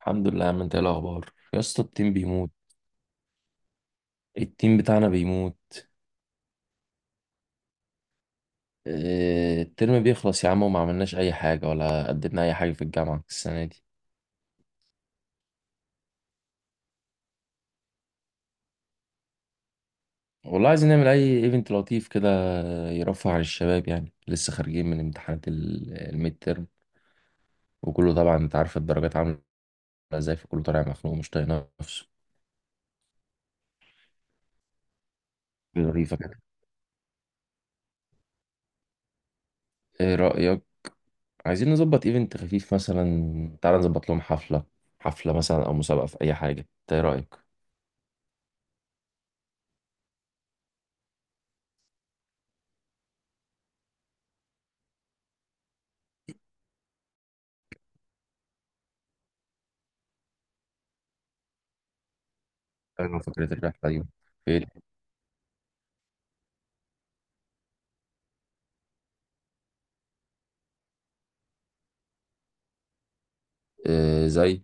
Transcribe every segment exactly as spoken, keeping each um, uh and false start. الحمد لله يا عم، انت ايه الاخبار يا اسطى؟ التيم بيموت. التيم بتاعنا بيموت. اه، الترم بيخلص يا عم وما عملناش اي حاجه ولا قدمنا اي حاجه في الجامعه السنه دي. والله عايزين نعمل اي ايفنت لطيف كده يرفه عن الشباب، يعني لسه خارجين من امتحانات ال- الميد ترم، وكله طبعا انت عارف الدرجات عامله ازاي، فكله طالع مخنوق ومش طايق نفسه. ظريفه كده، ايه رايك؟ عايزين نظبط ايفنت خفيف، مثلا تعالى نظبط لهم حفله. حفله مثلا او مسابقه في اي حاجه، انت ايه رايك؟ انا فكره الرحله دي ايه. آه، زي.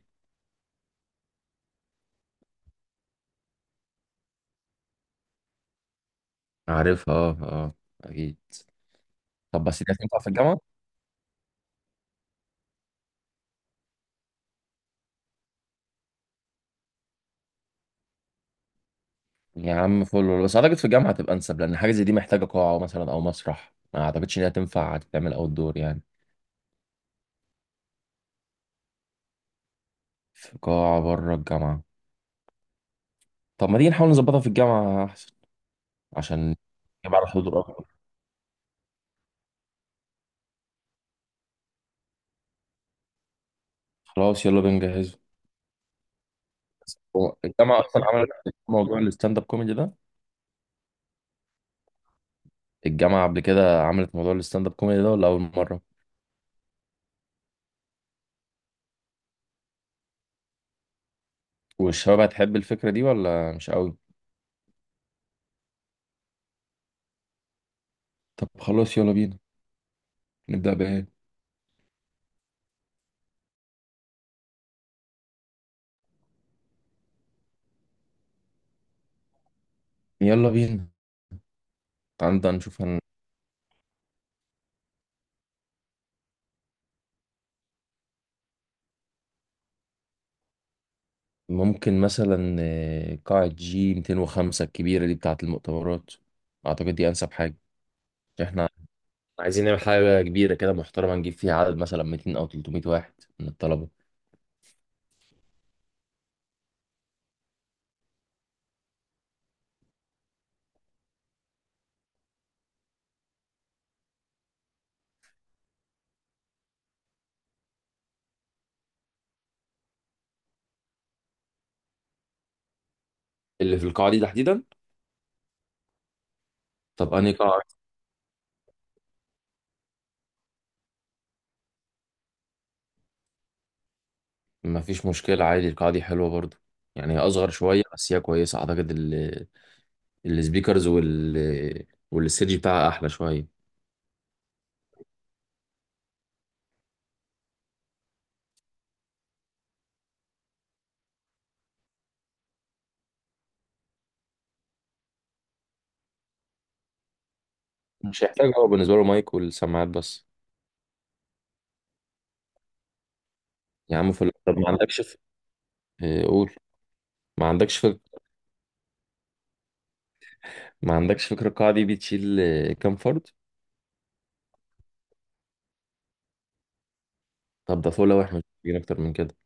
عارفها، اه، اه، اكيد. طب بس دي هتنفع في الجامعه؟ يا عم فل، بس اعتقد في الجامعه هتبقى انسب، لان حاجه زي دي محتاجه قاعه مثلا او مسرح، ما اعتقدش ان هي تنفع تتعمل اوت دور يعني. في قاعه بره الجامعه؟ طب ما تيجي نحاول نظبطها في الجامعه احسن، عشان نجمع على الحضور اكتر. خلاص يلا بنجهز. هو الجامعه اصلا عملت موضوع الستاند اب كوميدي ده؟ الجامعه قبل كده عملت موضوع الستاند اب كوميدي ده ولا اول مره؟ والشباب هتحب الفكره دي ولا مش قوي؟ طب خلاص يلا بينا، نبدا بايه؟ يلا بينا. عندنا نشوف هن... ممكن مثلا آه، قاعة جي مئتين وخمسة الكبيرة دي بتاعة المؤتمرات، أعتقد دي أنسب حاجة. إحنا عايزين نعمل حاجة كبيرة كده محترمة، نجيب فيها عدد مثلا ميتين أو تلتمية واحد من الطلبة، اللي في القاعة دي تحديدا. طب أنهي قاعة؟ مفيش مشكلة عادي، القاعة دي حلوة برضه، يعني هي أصغر شوية بس هي كويسة. أعتقد ال... السبيكرز وال والستيج بتاعها أحلى شوية. مش هيحتاج، هو بالنسبة له مايك والسماعات بس. يا عم في ال- طب ما عندكش في- آه، قول. ما عندكش فكرة. ما عندكش فكرة القاعة دي بتشيل آه، كام فرد؟ طب ده فول، لو احنا مش محتاجين أكتر من كده.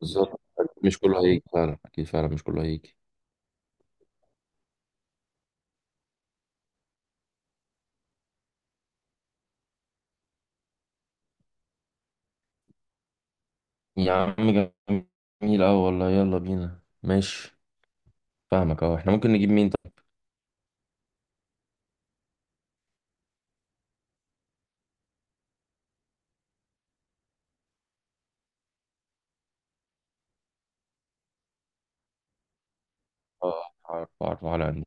بالظبط، مش كله هيجي فعلا، أكيد فعلا مش كله هيجي. يا عم جميل أوي والله، يلا بينا، ماشي. فاهمك أهو، احنا ممكن نجيب مين طب؟ آه، أعرف أعرف على عندي.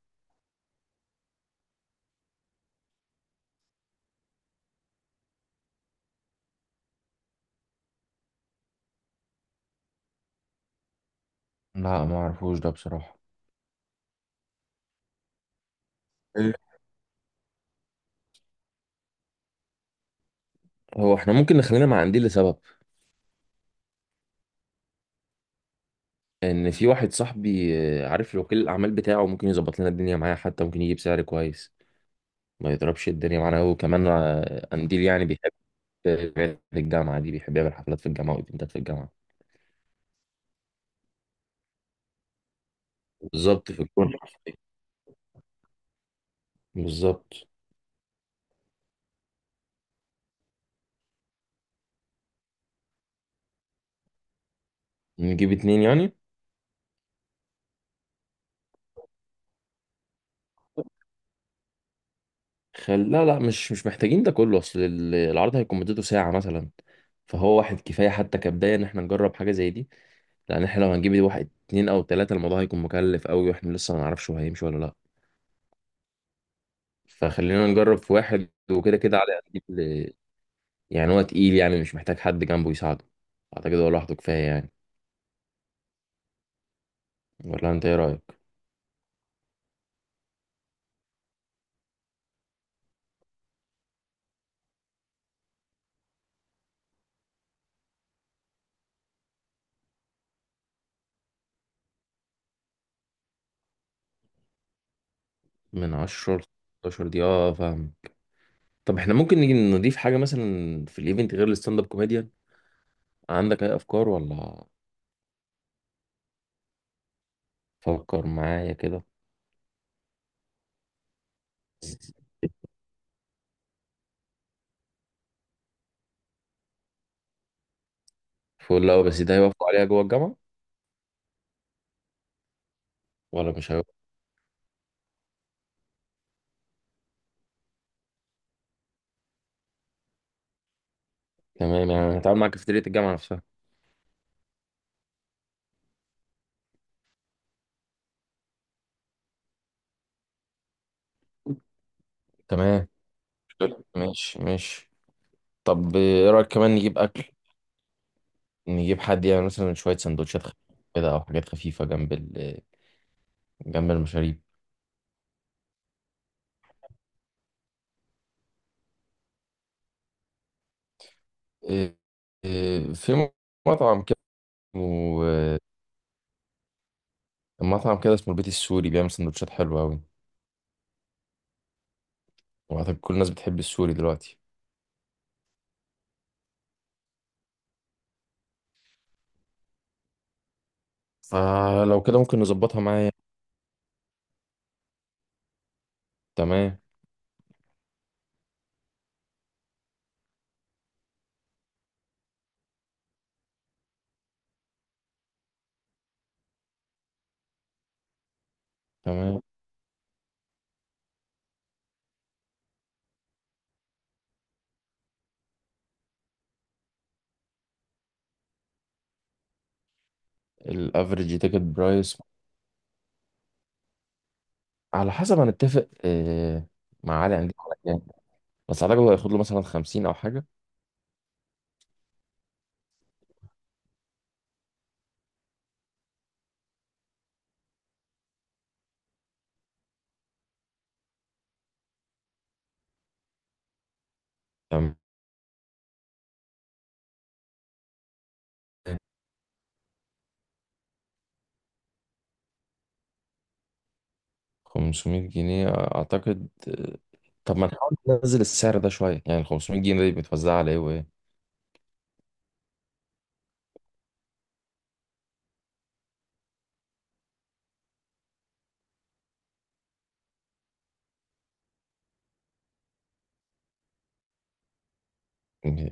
لا ما أعرفوش ده بصراحة. إيه؟ هو احنا ممكن نخلينا مع عندي لسبب إن في واحد صاحبي، آه، عارف له وكيل الأعمال بتاعه، ممكن يظبط لنا الدنيا معاه، حتى ممكن يجيب سعر كويس، ما يضربش الدنيا معانا هو كمان. آه، قنديل يعني بيحب في الجامعة دي، بيحب يعمل حفلات في الجامعة وإيفنتات في الجامعة. بالظبط في الكورة. بالظبط. نجيب اتنين يعني. خل... لا، لا، مش مش محتاجين ده كله، أصل ال- العرض هيكون مدته ساعة مثلا، فهو واحد كفاية، حتى كبداية إن إحنا نجرب حاجة زي دي. لأن إحنا لو هنجيب واحد اتنين أو تلاتة، الموضوع هيكون مكلف أوي، وإحنا لسه ما نعرفش هو هيمشي ولا لأ. فخلينا نجرب في واحد وكده كده، علي قد ال- يعني هو تقيل، يعني مش محتاج حد جنبه يساعده، أعتقد هو لوحده كفاية يعني. ولا أنت إيه رأيك؟ من عشرة لستاشر دي، اه فاهم. طب احنا ممكن نيجي نضيف حاجة مثلا في الايفنت غير الستاند اب كوميديان؟ عندك اي افكار ولا؟ فكر معايا كده. فول، لا بس ده هيوافقوا عليها جوه الجامعة ولا مش هيوافقوا؟ تمام يعني هتعامل مع كافيتيريا الجامعة نفسها. تمام، حلو. ماشي، ماشي. طب ايه رأيك كمان نجيب اكل؟ نجيب حد يعني مثلا شوية سندوتشات خفيفة كده، او حاجات خفيفة جنب ال جنب المشاريب. إيه- إيه، في مطعم كده اسمه- مطعم كده اسمه البيت السوري، بيعمل سندوتشات حلوة أوي. وأعتقد كل الناس بتحب السوري دلوقتي. فلو كده ممكن نظبطها معايا. تمام. تمام. الافريج تيكت برايس على حسب هنتفق، آه، مع علي، هنجيب على كام. بس على الاقل هياخد له مثلا خمسين او حاجه. تمام. خمسمية جنيه اعتقد. آه، طب ما نحاول ننزل السعر ده شويه، يعني ال خمسمية جنيه دي بتوزع على ايه وايه؟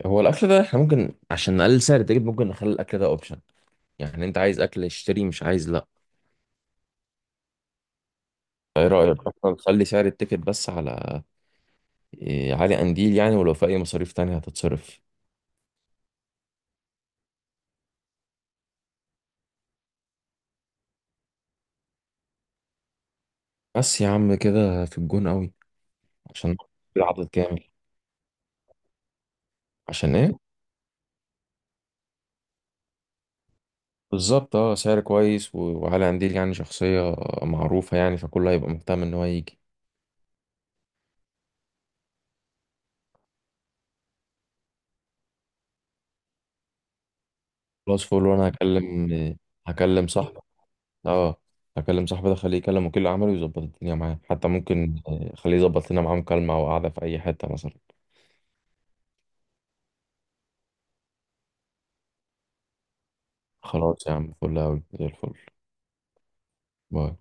هو الاكل ده احنا ممكن، عشان نقلل سعر التيكت، ممكن نخلي الاكل ده اوبشن، يعني انت عايز اكل اشتري، مش عايز لا. ايه رايك اصلا نخلي سعر التيكت بس على إيه، علي قنديل يعني، ولو في اي مصاريف تانية هتتصرف. بس يا عم كده في الجون قوي. عشان العدد كامل. عشان ايه؟ بالظبط، اه سعر كويس، و- وعلي قنديل يعني شخصية معروفة يعني، فكله هيبقى مهتم ان هو يجي. خلاص فول، وانا هكلم. هكلم صاحبي، اه. هكلم صاحبي ده، خليه يكلم وكيل اعماله يظبط الدنيا معاه، حتى ممكن آه، خليه يظبط لنا معاه مكالمة او قعدة في اي حتة مثلا. خلاص يا عم فل قوي، زي الفل. باي.